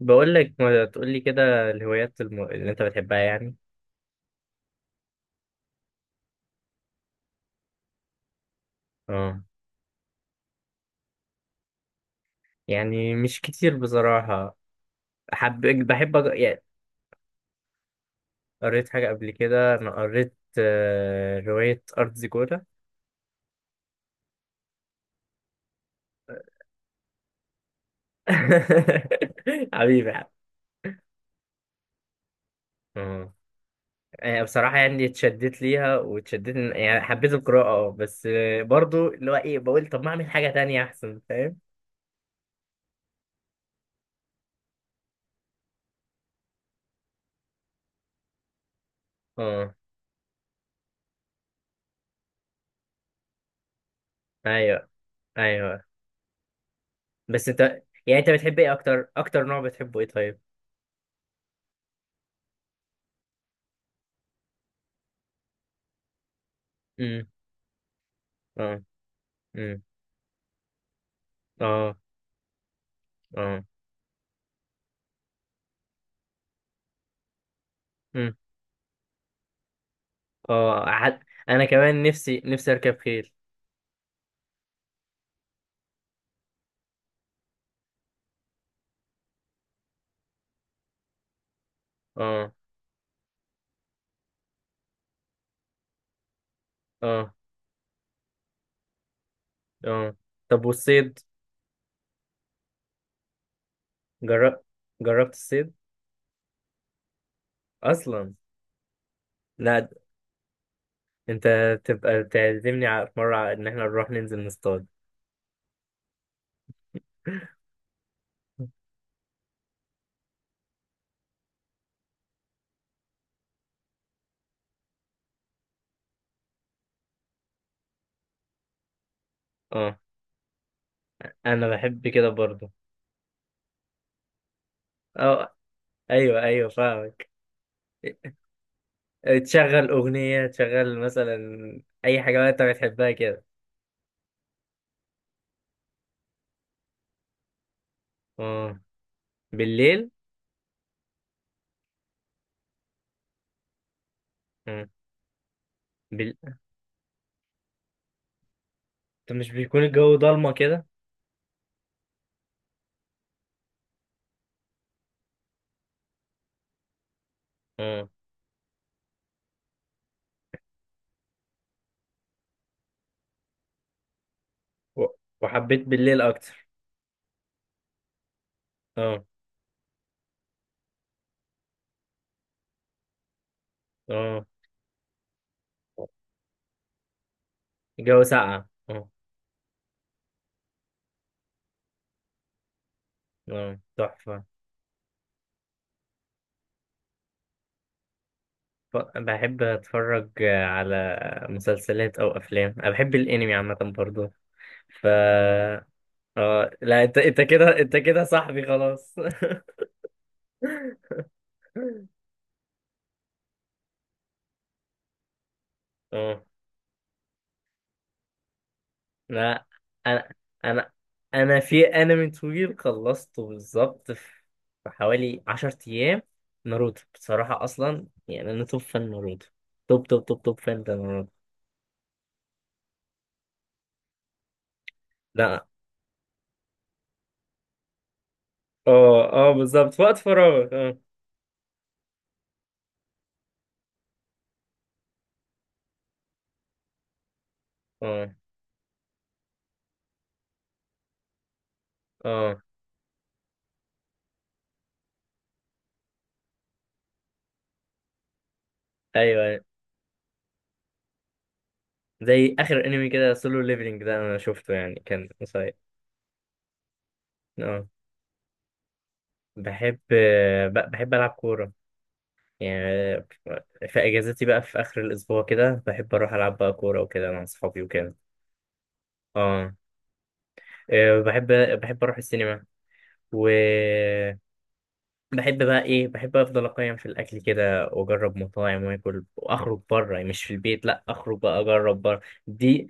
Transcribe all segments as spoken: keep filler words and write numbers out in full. بقول لك، ما تقول لي كده الهوايات الم... اللي انت بتحبها يعني. اه. يعني مش كتير بصراحة. حب بحب أج... يعني. قريت حاجة قبل كده. انا قريت آه، رواية أرض زيكولا. حبيبي. اه. آه، بصراحة يعني اتشدت ليها واتشدت إن- يعني حبيت القراءة اه بس آه، برضو اللي هو ايه بقول طب ما اعمل حاجة تانية احسن، فاهم؟ اه، ايوه، ايوه. بس انت، يعني انت بتحب ايه اكتر؟ اكتر نوع بتحبه ايه طيب؟ امم. اه، اه، اه. مم. اه. عد... انا كمان نفسي نفسي اركب خيل. اه، اه، اه. طب والصيد؟ جرب... جربت الصيد اصلا؟ لا، د- انت تبقى تعزمني، على في مره، على ان احنا نروح ننزل نصطاد. اه، انا بحب كده برضو. اه، ايوه، ايوه، فاهمك. تشغل اغنيه، تشغل مثلا. اي حاجه بقى انت بتحبها كده. اه. بالليل. مم. بال... طب مش بيكون الجو ضلمه كده؟ و- وحبيت بالليل اكتر. اه، اه. الجو ساقع. اه. اه، تحفة. ف- بحب اتفرج على مسلسلات او افلام. انا بحب الانمي عامة برضه. ف اه، لا، انت انت كده انت كده صاحبي خلاص. اه، لا، انا انا انا في انمي طويل خلصته بالظبط في في حوالي 10 ايام. ناروتو. بصراحة اصلا يعني انا توب فان ناروتو، توب توب توب توب فان ده. لا. اه، اه، بالظبط في وقت فراغك. اه. اه، اه، ايوه، أيوة. زي اخر انمي كده، سولو ليفلنج ده انا شفته، يعني كان قصير. اه. بحب، ب- بحب العب كوره يعني. في اجازتي بقى في اخر الاسبوع كده، بحب اروح العب بقى كوره وكده مع اصحابي وكده. اه. آه، بحب بحب اروح السينما، و بحب بقى ايه، بحب افضل اقيم في الاكل كده، واجرب مطاعم واكل، واخرج بره مش في البيت، لا اخرج بقى اجرب بره. دي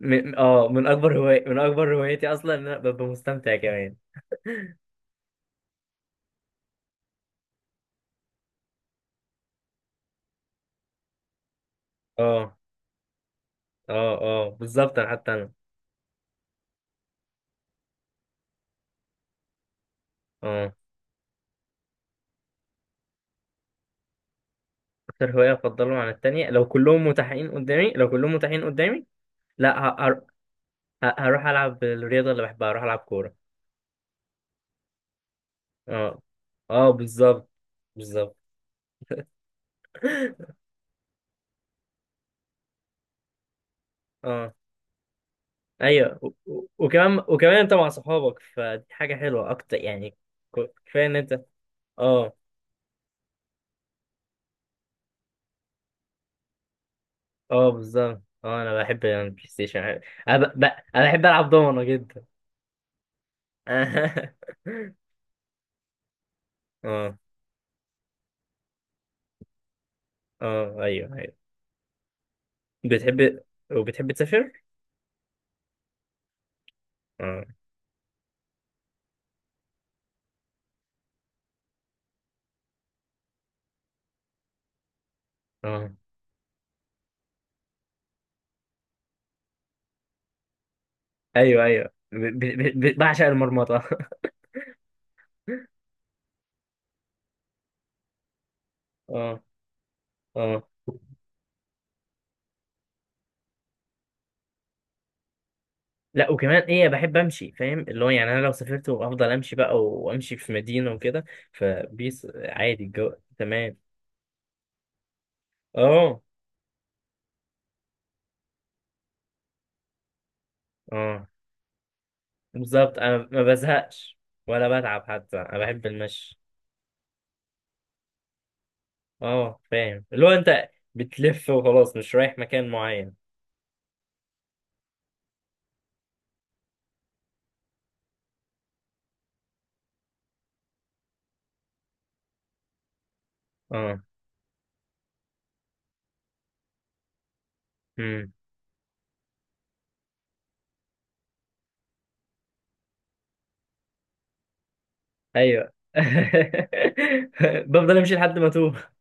من اه من اكبر هواي من اكبر هوايتي اصلا، ان انا ببقى مستمتع كمان. اه، اه، اه، بالظبط انا حتى انا. اه. اكتر هوايه افضلهم عن التانية؟ لو كلهم متاحين قدامي لو كلهم متاحين قدامي. لا، ه- هر- ه- هروح العب الرياضه اللي بحبها. هروح العب كوره. اه، اه، بالظبط، بالظبط. اه، ايوه. و- و- وكمان وكمان، انت مع صحابك، فدي حاجه حلوه اكتر يعني. ك- كفايه ان انت. اه، اه، بالظبط. اه، انا بحب البلاي ستيشن. انا ب... ب... انا بحب العب دومنه جدا. اه، اه، ايوه، ايوه، بتحب. وبتحب تسافر؟ اه، اه، ايوه، ايوه، ب... ب... ب... ب- بعشق المرمطه. اه، اه، لا وكمان ايه، بحب امشي، فاهم؟ اللي هو يعني انا لو سافرت وافضل امشي بقى، وامشي في مدينه وكده. فبيس عادي الجو. تمام. اه، اه، بالظبط. انا ما بزهقش ولا بتعب، حتى انا بحب المشي. اه، فاهم. اللي هو انت بتلف وخلاص، مش رايح مكان معين. اه، ايوه. بفضل امشي لحد ما اتوه.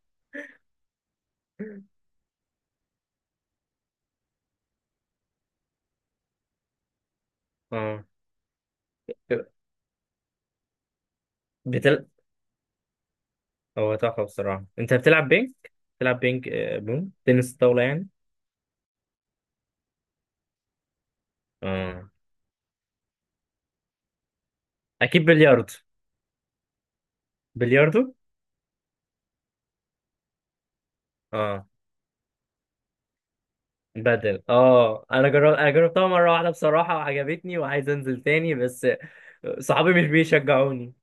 اه. بتل... هو تحفة بصراحة. انت بتلعب بينج بتلعب بينج آه، بون تنس طاولة يعني؟ اه، اكيد. بلياردو. بلياردو. اه، بدل. اه انا جربت انا جربتها مرة واحدة بصراحة وعجبتني، وعايز انزل تاني بس. صحابي مش بيشجعوني.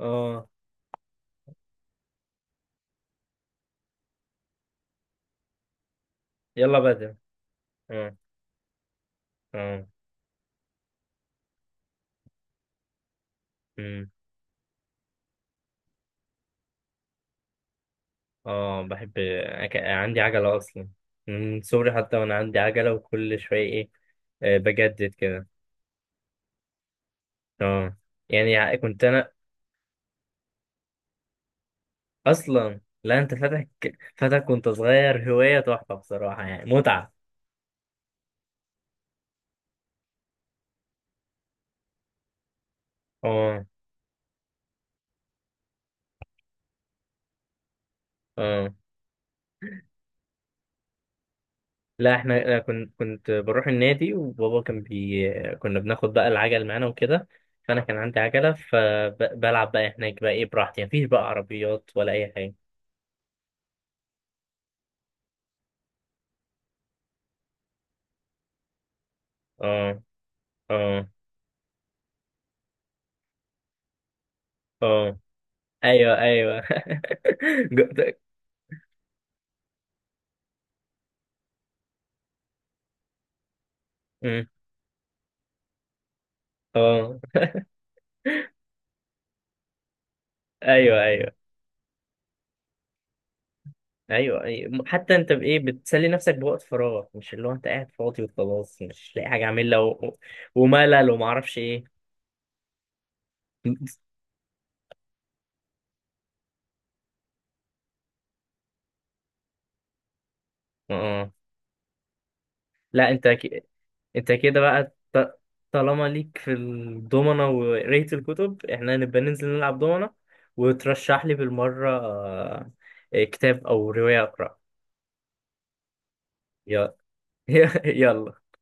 اه، يلا بدل، اه، اه. امم. اه، بحب. أك- عندي عجلة اصلا. من صغري، حتى وانا عندي عجلة، وكل شوية ايه، آه، بجدد كده. اه. يعني ع- كنت انا. اصلا لا، انت فاتك. فاتك وانت صغير، هواية تحفة بصراحة يعني، متعة. اه، اه. لا احنا، أنا كنت كنت بروح النادي، وبابا كان بي كنا بناخد بقى العجل معانا وكده. فانا كان عندي عجلة، فبلعب بقى هناك بقى ايه، براحتي، مفيش بقى عربيات ولا اي حاجة. اه، اه، اه، ايوه، ايوه. جو- ت- مم. اه، ايوه، ايوه، ايوه، ايوه. حتى انت بايه بتسلي نفسك بوقت فراغك؟ مش اللي هو انت قاعد فاضي وخلاص، مش لاقي حاجه اعملها و... و- وملل، وما اعرفش ايه. اه، آه. لا انت ك... انت كده بقى ط... طالما ليك في الدومنة وقرايه الكتب، احنا نبقى ننزل نلعب دومنة. وترشح لي بالمره آه، كتاب او روايه اقرا. يلا. يلا.